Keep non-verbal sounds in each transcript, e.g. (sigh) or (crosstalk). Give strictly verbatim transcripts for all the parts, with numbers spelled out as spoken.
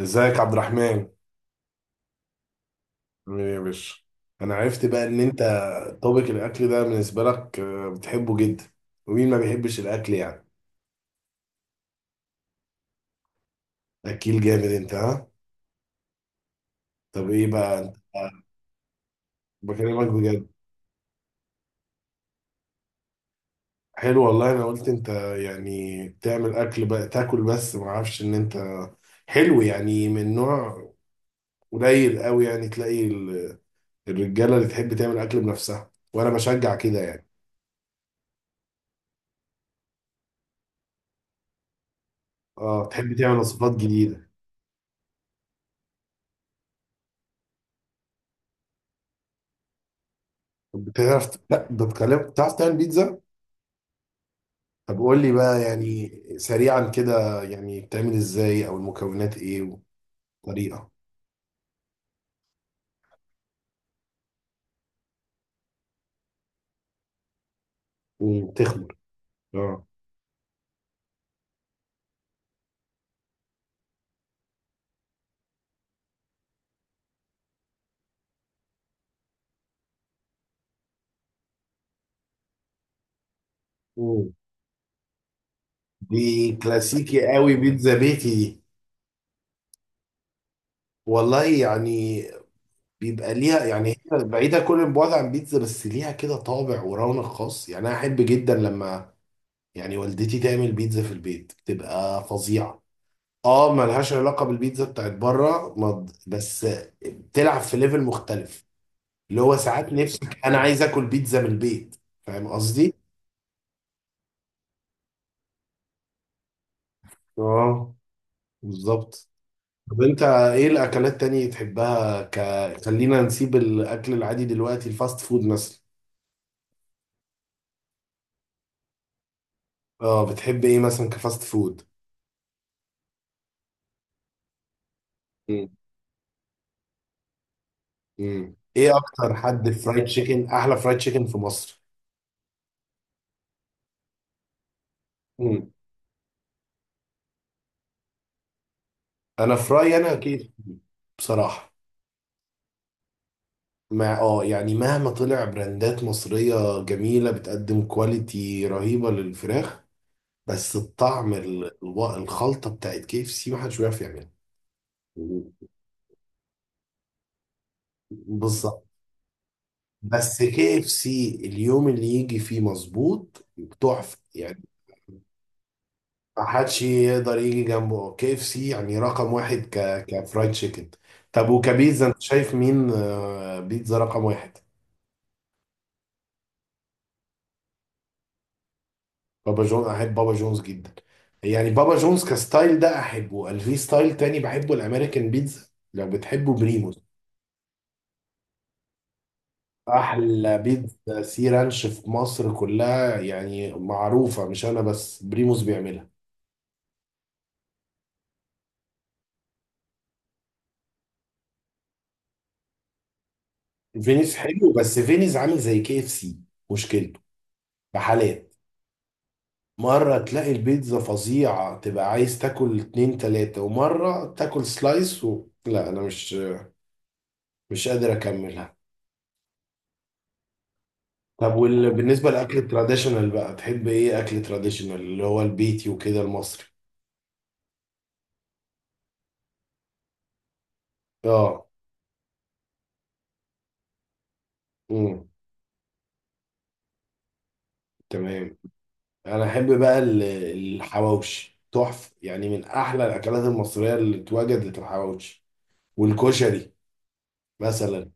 ازيك عبد الرحمن؟ عامل ايه يا باشا؟ انا عرفت بقى ان انت طبق الاكل ده بالنسبه لك آه، بتحبه جدا. ومين ما بيحبش الاكل يعني؟ اكيل جامد انت، ها؟ طب ايه بقى انت، بكلمك بجد. حلو والله، انا قلت انت يعني بتعمل اكل بقى تاكل، بس ما اعرفش ان انت حلو يعني من نوع قليل قوي. يعني تلاقي ال- الرجاله اللي تحب تعمل اكل بنفسها، وانا بشجع كده يعني. اه تحب تعمل وصفات جديده؟ طب بتعرف، لا بتكلم، بتعرف تعمل بيتزا؟ طب قول لي بقى، يعني سريعا كده، يعني بتعمل ازاي او المكونات ايه والطريقه؟ وتخمر؟ اه. مم. دي كلاسيكي قوي، بيتزا بيتي دي. والله يعني بيبقى ليها يعني، هي بعيده كل البعد عن بيتزا، بس ليها كده طابع ورونق خاص. يعني انا احب جدا لما يعني والدتي تعمل بيتزا في البيت، بتبقى فظيعه. اه، ملهاش علاقه بالبيتزا بتاعت بره، مض- بس بتلعب في ليفل مختلف. اللي هو ساعات نفسك، انا عايز اكل بيتزا من البيت. فاهم قصدي؟ اه، بالظبط. طب انت ايه الاكلات تانية تحبها ك... خلينا نسيب الاكل العادي دلوقتي، الفاست فود مثلا؟ اه بتحب ايه مثلا كفاست فود؟ مم. مم. ايه اكتر حد فرايد تشيكن، احلى فرايد تشيكن في مصر؟ مم. انا في رايي انا اكيد، بصراحة، مع اه يعني مهما طلع براندات مصرية جميلة بتقدم كواليتي رهيبة للفراخ، بس الطعم ال- الو- الخلطه بتاعت كي اف سي محدش بيعرف يعملها. بالظبط. بس كي اف سي اليوم اللي يجي فيه مظبوط، تحفه يعني. محدش يقدر يجي جنبه، كي اف سي يعني رقم واحد ك كفرايد تشيكن. طب وكبيتزا، انت شايف مين آه، بيتزا رقم واحد؟ بابا جون، احب بابا جونز جدا. يعني بابا جونز كستايل ده احبه، قال في ستايل تاني بحبه، الامريكان بيتزا. لو بتحبه بريمو. احلى بيتزا سي رانش في مصر كلها، يعني معروفه مش انا بس، بريموس بيعملها. فينيس حلو، بس فينيس عامل زي كي اف سي، مشكلته بحالات. مره تلاقي البيتزا فظيعه، تبقى عايز تاكل اتنين تلاته، ومره تاكل سلايس و... لا انا مش مش قادر اكملها. طب وال... بالنسبه للاكل التراديشنال بقى، تحب ايه اكل تراديشنال، اللي هو البيتي وكده، المصري؟ اه. امم. تمام. انا احب بقى ال- الحواوشي، تحفه يعني، من احلى الاكلات المصريه اللي اتوجدت الحواوشي، والكشري مثلا.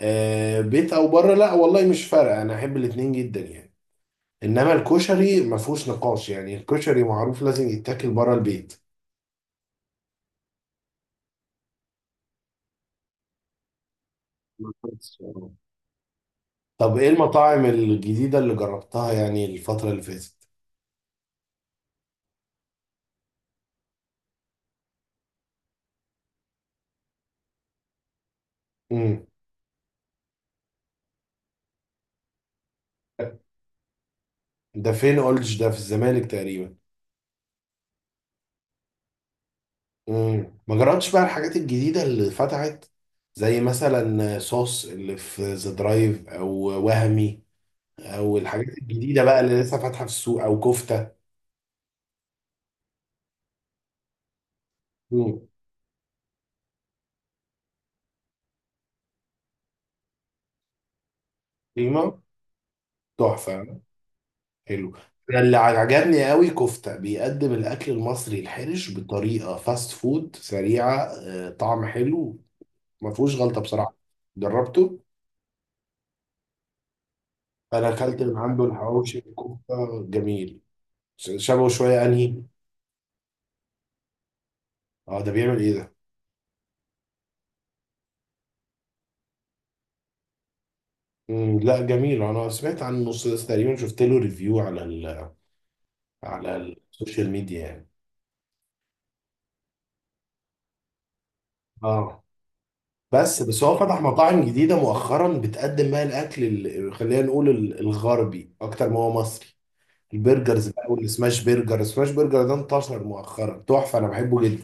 آه، بيت او بره، لا والله مش فارقه، انا احب الاتنين جدا يعني. انما الكشري ما فيهوش نقاش، يعني الكشري معروف لازم يتاكل بره البيت. بالظبط. طب ايه المطاعم الجديده اللي جربتها يعني الفتره اللي فاتت؟ امم. ده فين قلتش، ده في الزمالك تقريبا؟ مم. ما جربتش بقى الحاجات الجديدة اللي فتحت، زي مثلا صوص اللي في ذا درايف، او وهمي، او الحاجات الجديدة بقى اللي لسه فاتحة في السوق، او كفتة؟ مم. قيمة. تحفة. حلو. أنا اللي عجبني قوي كفتة، بيقدم الاكل المصري الحرش بطريقة فاست فود سريعة، آه، طعم حلو، ما فيهوش غلطة بصراحة. جربته، انا اكلت من عنده الحواوشي، الكفتة جميل. شبهه شوية انهي؟ اه، ده بيعمل ايه ده؟ مم، لا جميل، انا سمعت عن النص ده تقريبا، شفت له ريفيو على ال على السوشيال ميديا يعني. اه. بس بس هو فتح مطاعم جديده مؤخرا بتقدم بقى الاكل ال- خلينا نقول ال- الغربي اكتر ما هو مصري. البرجرز بقى والسماش برجر، السماش برجر ده انتشر مؤخرا، تحفه انا بحبه جدا.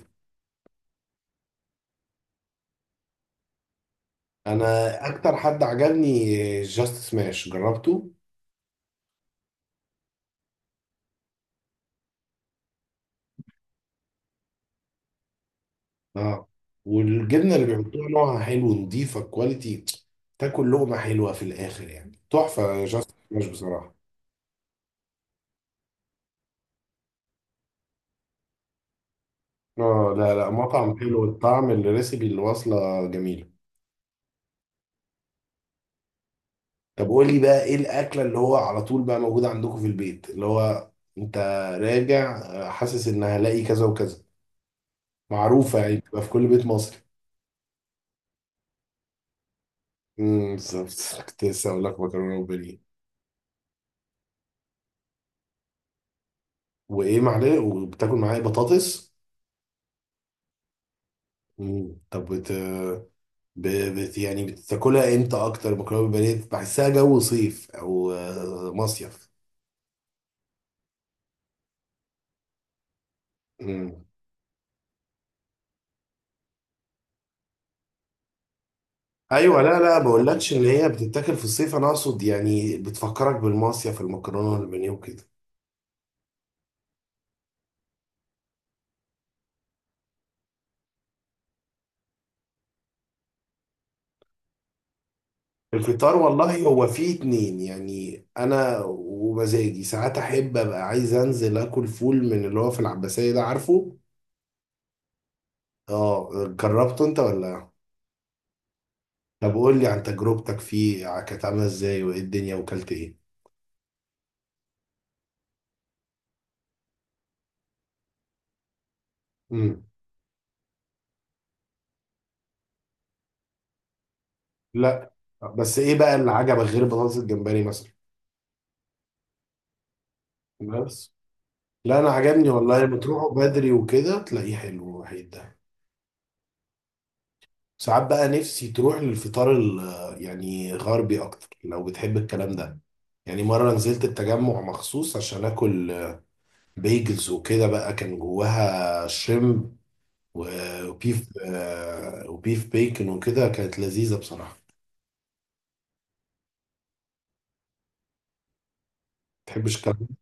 انا اكتر حد عجبني جاست سماش، جربته. اه. والجبنه اللي بيحطوها نوعها حلو، نضيفه، كواليتي. تاكل لقمه حلوه في الاخر، يعني تحفه جاست سماش بصراحه. اه، لا لا، مطعم حلو، الطعم، الريسبي اللي واصله جميله. طب قول لي بقى ايه الاكله اللي هو على طول بقى موجوده عندكم في البيت، اللي هو انت راجع آه، حاسس ان هلاقي كذا وكذا، معروفه يعني بتبقى في كل بيت مصري؟ امم. (laughs) بالظبط، كنت لسه اقول لك مكرونه وبانيه. وايه معلقه، وبتاكل معايا بطاطس. امم. طب بت... ب... بت... يعني بتاكلها امتى اكتر مكرونه وبانيه؟ بحسها جو صيف، او آه، مصيف. ايوه، لا لا، بقولكش ان هي بتتاكل في الصيف، انا اقصد يعني بتفكرك بالمصيف، المكرونه والبانيه وكده. الفطار والله هو فيه اتنين، يعني انا ومزاجي ساعات احب ابقى عايز انزل اكل فول من اللي هو في العباسيه، ده عارفه. اه. جربته انت ولا؟ طب قول لي عن تجربتك فيه، كانت عامله ازاي وايه الدنيا وكلت ايه؟ امم. لا. بس ايه بقى اللي عجبك غير بطاطس الجمبري مثلا؟ بس لا، انا عجبني والله، لما تروحوا بدري وكده تلاقيه حلو وحيد. ساعات بقى نفسي تروح للفطار ال- يعني غربي اكتر، لو بتحب الكلام ده. يعني مرة نزلت التجمع مخصوص عشان اكل بيجلز وكده، بقى كان جواها شريمب، و- وبيف آه، وبيف بيكن وكده، كانت لذيذة بصراحة. متحبش الكلام ده.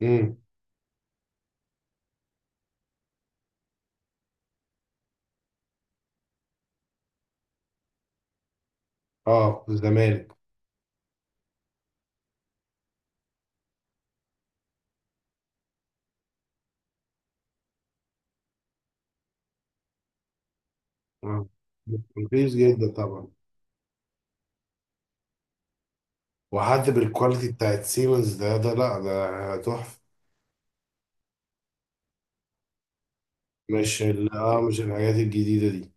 امم. اه، الزمالك. آه. رخيص جدا طبعا، وحد بالكواليتي بتاعت سيمنز، ده ده لا ده تحفة. مش ال- اه مش الحاجات الجديدة دي.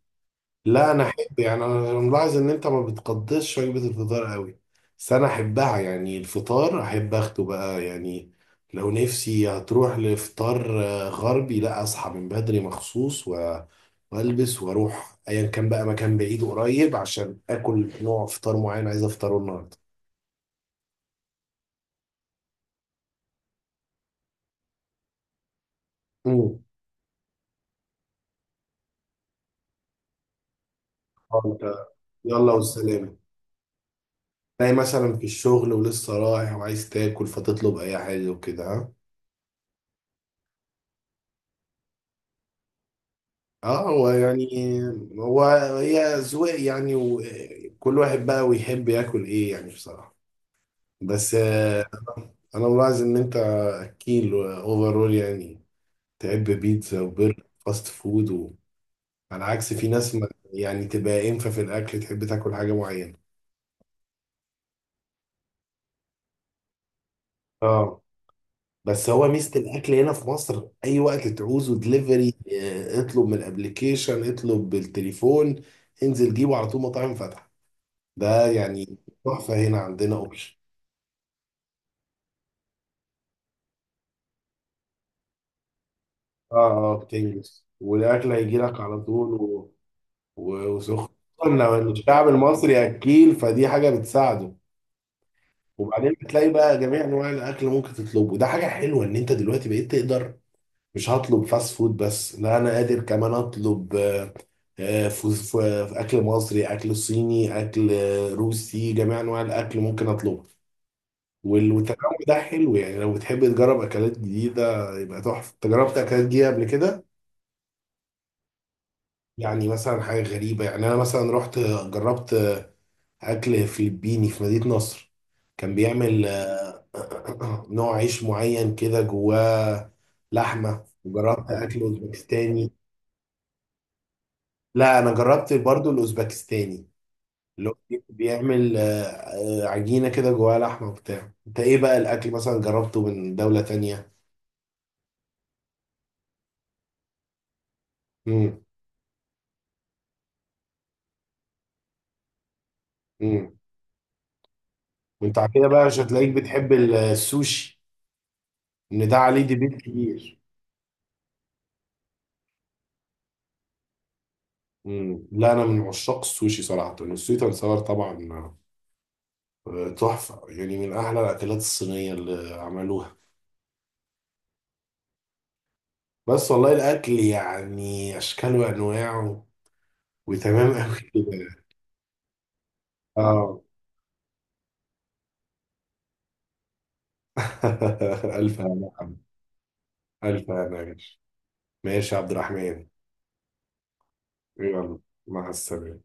لا، انا احب يعني، انا ملاحظ ان انت ما بتقدسش وجبه الفطار قوي. بس انا احبها، يعني الفطار احب اخده بقى يعني. لو نفسي هتروح لفطار آه، غربي، لا اصحى من بدري مخصوص و- والبس واروح ايا كان بقى مكان بعيد وقريب عشان اكل نوع فطار معين عايز افطره النهارده. امم. آه، انت، يلا والسلام. تلاقي مثلا في الشغل ولسه رايح وعايز تاكل، فتطلب اي حاجه وكده، ها. اه، هو يعني هو هي أذواق يعني، وكل واحد بقى ويحب ياكل ايه يعني، بصراحة. بس آه، انا ملاحظ ان انت اكيل اوفرول يعني، تحب بيتزا وبرجر فاست فود و... على عكس في ناس ما يعني تبقى انفه في الاكل، تحب تاكل حاجة معينة. اه. بس هو ميزة الاكل هنا في مصر، اي وقت تعوزه دليفري، اطلب من الابليكيشن، اطلب بالتليفون، انزل جيبه على طول، مطاعم فاتحة. ده يعني تحفة هنا عندنا اوبشن. اه. اه، بتنجز والاكل هيجي لك على طول و... و... وسخن. لو الشعب المصري اكيل فدي حاجه بتساعده. وبعدين بتلاقي بقى جميع انواع الاكل ممكن تطلبه، ده حاجه حلوه ان انت دلوقتي بقيت تقدر مش هطلب فاست فود بس، لا انا قادر كمان اطلب آه، آه، ف- ف- اكل مصري، اكل صيني، اكل آه، روسي، جميع انواع الاكل ممكن اطلبه. وال- والتنوع ده حلو، يعني لو بتحب تجرب اكلات جديده يبقى تحفه، تجربت اكلات جديده قبل كده؟ يعني مثلا حاجة غريبة، يعني أنا مثلا رحت، جربت أكل فلبيني في مدينة نصر، كان بيعمل آه، (clears throat) نوع عيش معين كده جواه لحمة، وجربت أكل أوزبكستاني. لا، أنا جربت برضو الأوزبكستاني، اللي هو بيعمل آه، آه، عجينة كده جواها لحمة وبتاع. أنت إيه بقى الأكل مثلا جربته من دولة تانية؟ امم. امم. وأنت على كده بقى مش هتلاقيك بتحب السوشي، إن ده عليه ديبيت كبير. مم. لا، انا من عشاق السوشي صراحه، السوشي تنسور طبعا، آه، تحفه يعني، من احلى الاكلات الصينيه اللي عملوها. بس والله الاكل يعني اشكال وانواعه وتمام قوي كده. اه. (laughs) الف هنا. الف هنا يا باشا. ماشي يا عبد الرحمن. يلا، مع السلامه.